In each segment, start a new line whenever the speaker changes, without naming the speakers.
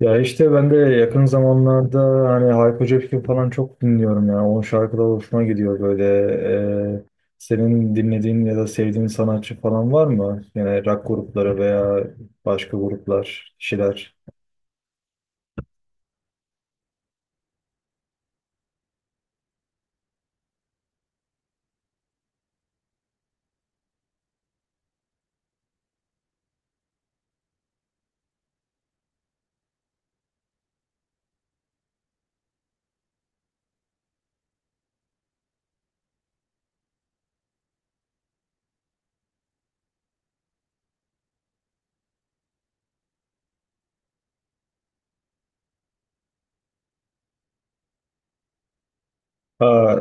Ya işte ben de yakın zamanlarda hani Hayko Cepkin falan çok dinliyorum ya. Onun şarkıları hoşuma gidiyor böyle. Ee, Senin dinlediğin ya da sevdiğin sanatçı falan var mı? Yani rock grupları veya başka gruplar, kişiler. Aa,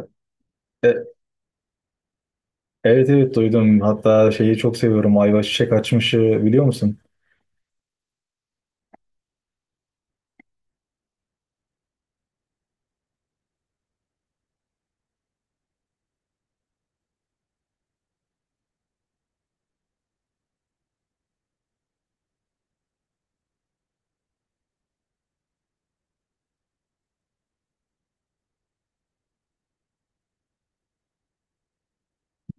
e- evet evet, duydum. Hatta şeyi çok seviyorum. Ayva Çiçek Açmış'ı biliyor musun?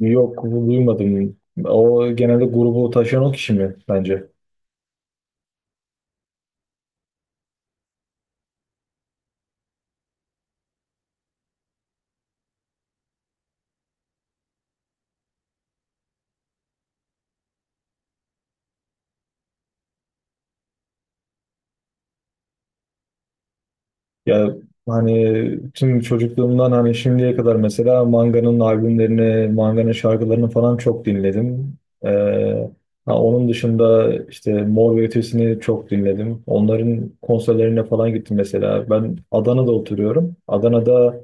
Yok, duymadım. O genelde grubu taşıyan o kişi mi bence? Ya hani tüm çocukluğumdan hani şimdiye kadar mesela Manga'nın albümlerini, Manga'nın şarkılarını falan çok dinledim. Ee, ha, Onun dışında işte Mor ve Ötesi'ni çok dinledim. Onların konserlerine falan gittim mesela. Ben Adana'da oturuyorum. Adana'da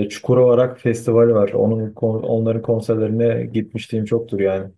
Çukurova Rock Festivali var. Onların konserlerine gitmişliğim çoktur yani.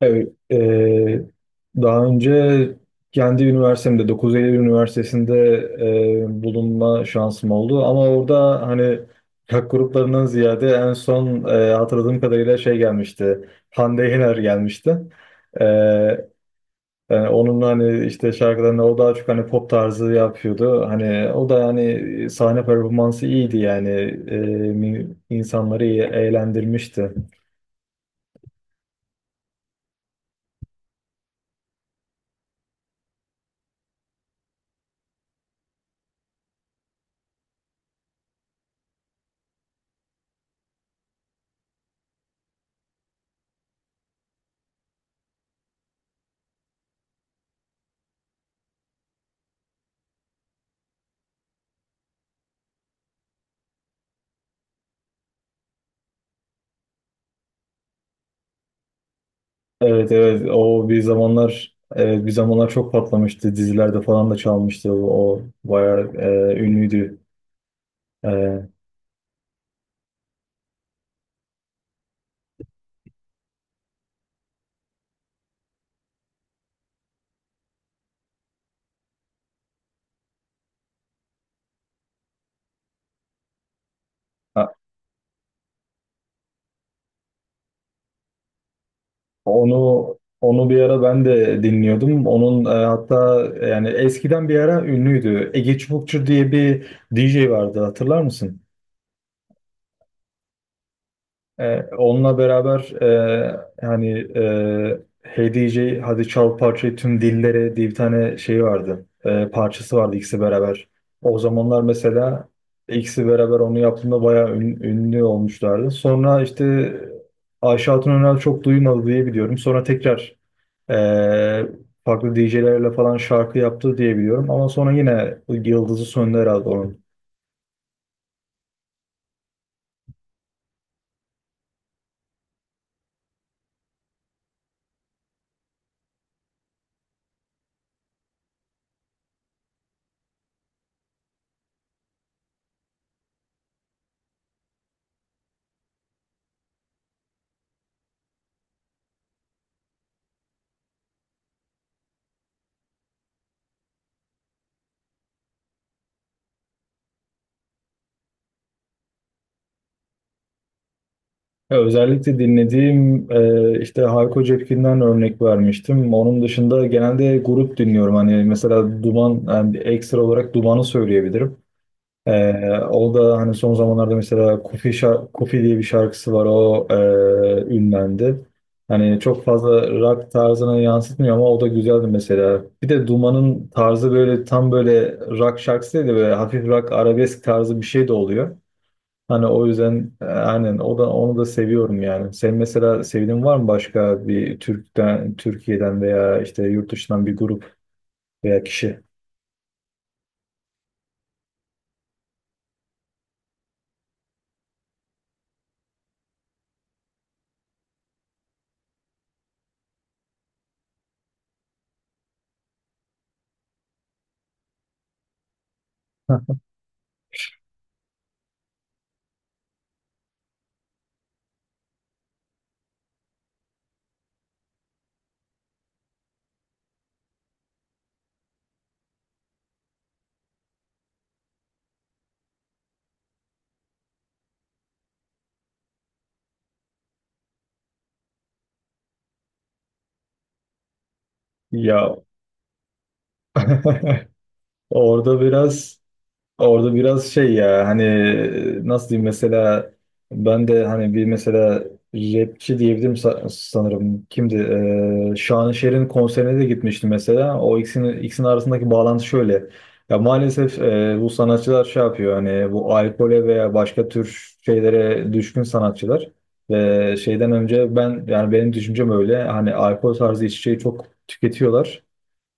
Evet, daha önce kendi üniversitemde 9 Eylül Üniversitesi'nde bulunma şansım oldu. Ama orada hani rock gruplarından ziyade en son hatırladığım kadarıyla şey gelmişti. Hande Yener gelmişti. Eee, Yani onun hani işte şarkılarını o daha çok hani pop tarzı yapıyordu. Hani o da hani sahne performansı iyiydi yani. İnsanları iyi eğlendirmişti. Evet evet, o bir zamanlar, evet, bir zamanlar çok patlamıştı, dizilerde falan da çalmıştı o bayağı ünlüydü. E, ha- onu bir ara ben de dinliyordum. Onun hatta yani eskiden bir ara ünlüydü. Ege Çubukçu diye bir DJ vardı, hatırlar mısın? Onunla beraber hani Hey DJ Hadi Çal Parçayı Tüm Dillere diye bir tane şey vardı. Parçası vardı ikisi beraber. O zamanlar mesela ikisi beraber onu yaptığında bayağı ünlü olmuşlardı. Sonra işte Ayşe Hatun Önal çok duymadı diye biliyorum. Sonra tekrar e, farklı DJ'lerle falan şarkı yaptı diye biliyorum. Ama sonra yine yıldızı söndü herhalde. Ya özellikle dinlediğim işte Hayko Cepkin'den örnek vermiştim. Onun dışında genelde grup dinliyorum. Hani mesela Duman, yani ekstra olarak Duman'ı söyleyebilirim. E, O da hani son zamanlarda mesela Kufi diye bir şarkısı var. O ünlendi. Hani çok fazla rock tarzına yansıtmıyor ama o da güzeldi mesela. Bir de Duman'ın tarzı böyle tam böyle rock şarkısı değil de böyle hafif rock arabesk tarzı bir şey de oluyor. Hani o yüzden aynen o da onu da seviyorum yani. Sen mesela sevdiğin var mı başka bir Türk'ten, Türkiye'den veya işte yurt dışından bir grup veya kişi? Heh. Ya orada biraz Orada biraz şey ya hani, nasıl diyeyim, mesela ben de hani bir mesela rapçi diyebilirim sanırım. Kimdi? Şanışer'in konserine de gitmiştim mesela. O ikisinin arasındaki bağlantı şöyle. Ya maalesef bu sanatçılar şey yapıyor hani, bu alkole veya başka tür şeylere düşkün sanatçılar. Ve şeyden önce ben, yani benim düşüncem öyle hani, alkol tarzı içeceği çok tüketiyorlar.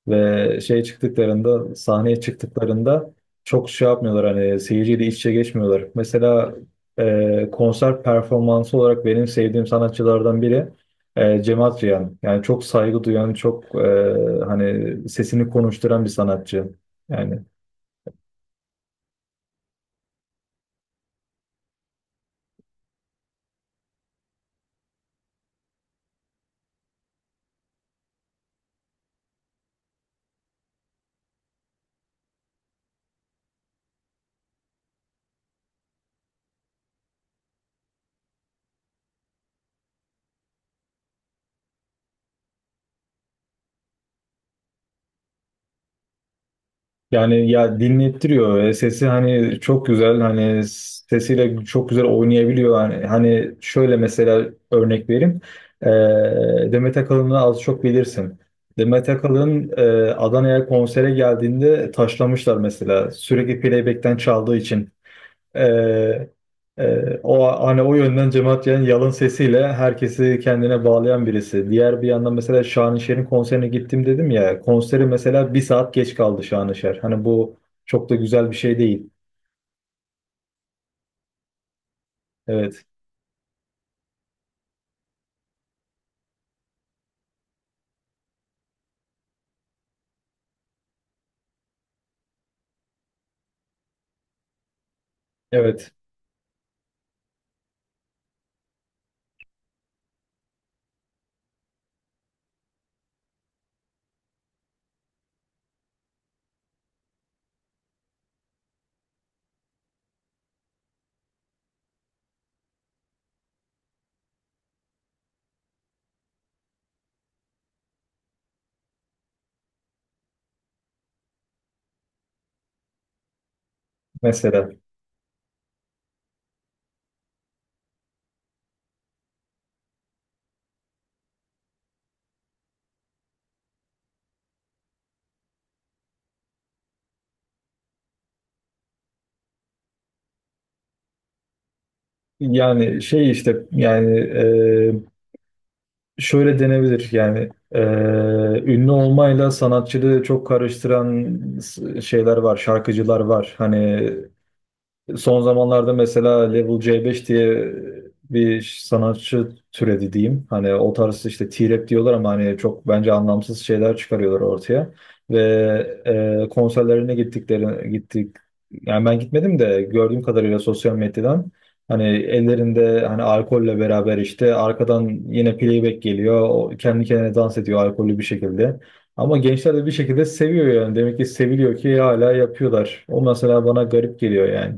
Ve şey çıktıklarında, sahneye çıktıklarında çok şey yapmıyorlar hani, seyirciyle iç içe geçmiyorlar. Mesela konser performansı olarak benim sevdiğim sanatçılardan biri Cem Adrian. Yani çok saygı duyan, çok hani sesini konuşturan bir sanatçı. Yani Yani ya, dinlettiriyor. Sesi hani çok güzel, hani sesiyle çok güzel oynayabiliyor. Hani şöyle mesela örnek vereyim. Demet Akalın'ı az çok bilirsin. Demet Akalın Adana'ya konsere geldiğinde taşlamışlar mesela. Sürekli playback'ten çaldığı için. Ee, O hani o yönden cemaat Can yalın sesiyle herkesi kendine bağlayan birisi. Diğer bir yandan mesela Şanışer'in konserine gittim dedim ya. Konseri mesela bir saat geç kaldı Şanışer. Hani bu çok da güzel bir şey değil. Evet. Evet. Mesela yani şey işte yani şöyle denebilir yani, ünlü olmayla sanatçılığı çok karıştıran şeyler var, şarkıcılar var. Hani son zamanlarda mesela Level C5 diye bir sanatçı türedi diyeyim. Hani o tarz işte T-rap diyorlar ama hani çok bence anlamsız şeyler çıkarıyorlar ortaya. Ve konserlerine gittikleri gittik. Yani ben gitmedim de gördüğüm kadarıyla sosyal medyadan hani ellerinde, hani alkolle beraber işte arkadan yine playback geliyor. O kendi kendine dans ediyor alkollü bir şekilde. Ama gençler de bir şekilde seviyor yani. Demek ki seviliyor ki hala yapıyorlar. O mesela bana garip geliyor yani.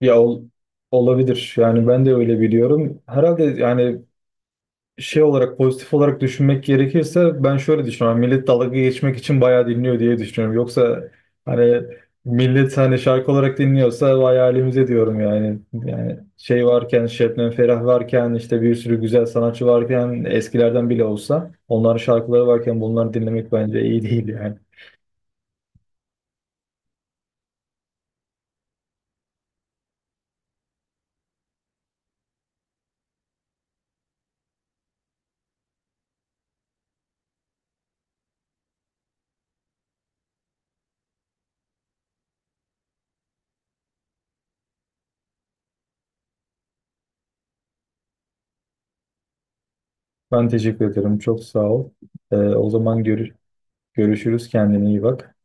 Ya olabilir. Yani ben de öyle biliyorum. Herhalde yani şey olarak, pozitif olarak düşünmek gerekirse ben şöyle düşünüyorum. Millet dalga geçmek için bayağı dinliyor diye düşünüyorum. Yoksa hani, millet hani şarkı olarak dinliyorsa vay halimize diyorum yani. Yani şey varken, Şebnem Ferah varken, işte bir sürü güzel sanatçı varken, eskilerden bile olsa onların şarkıları varken bunları dinlemek bence iyi değil yani. Ben teşekkür ederim. Çok sağ ol. O zaman görüşürüz. Kendine iyi bak.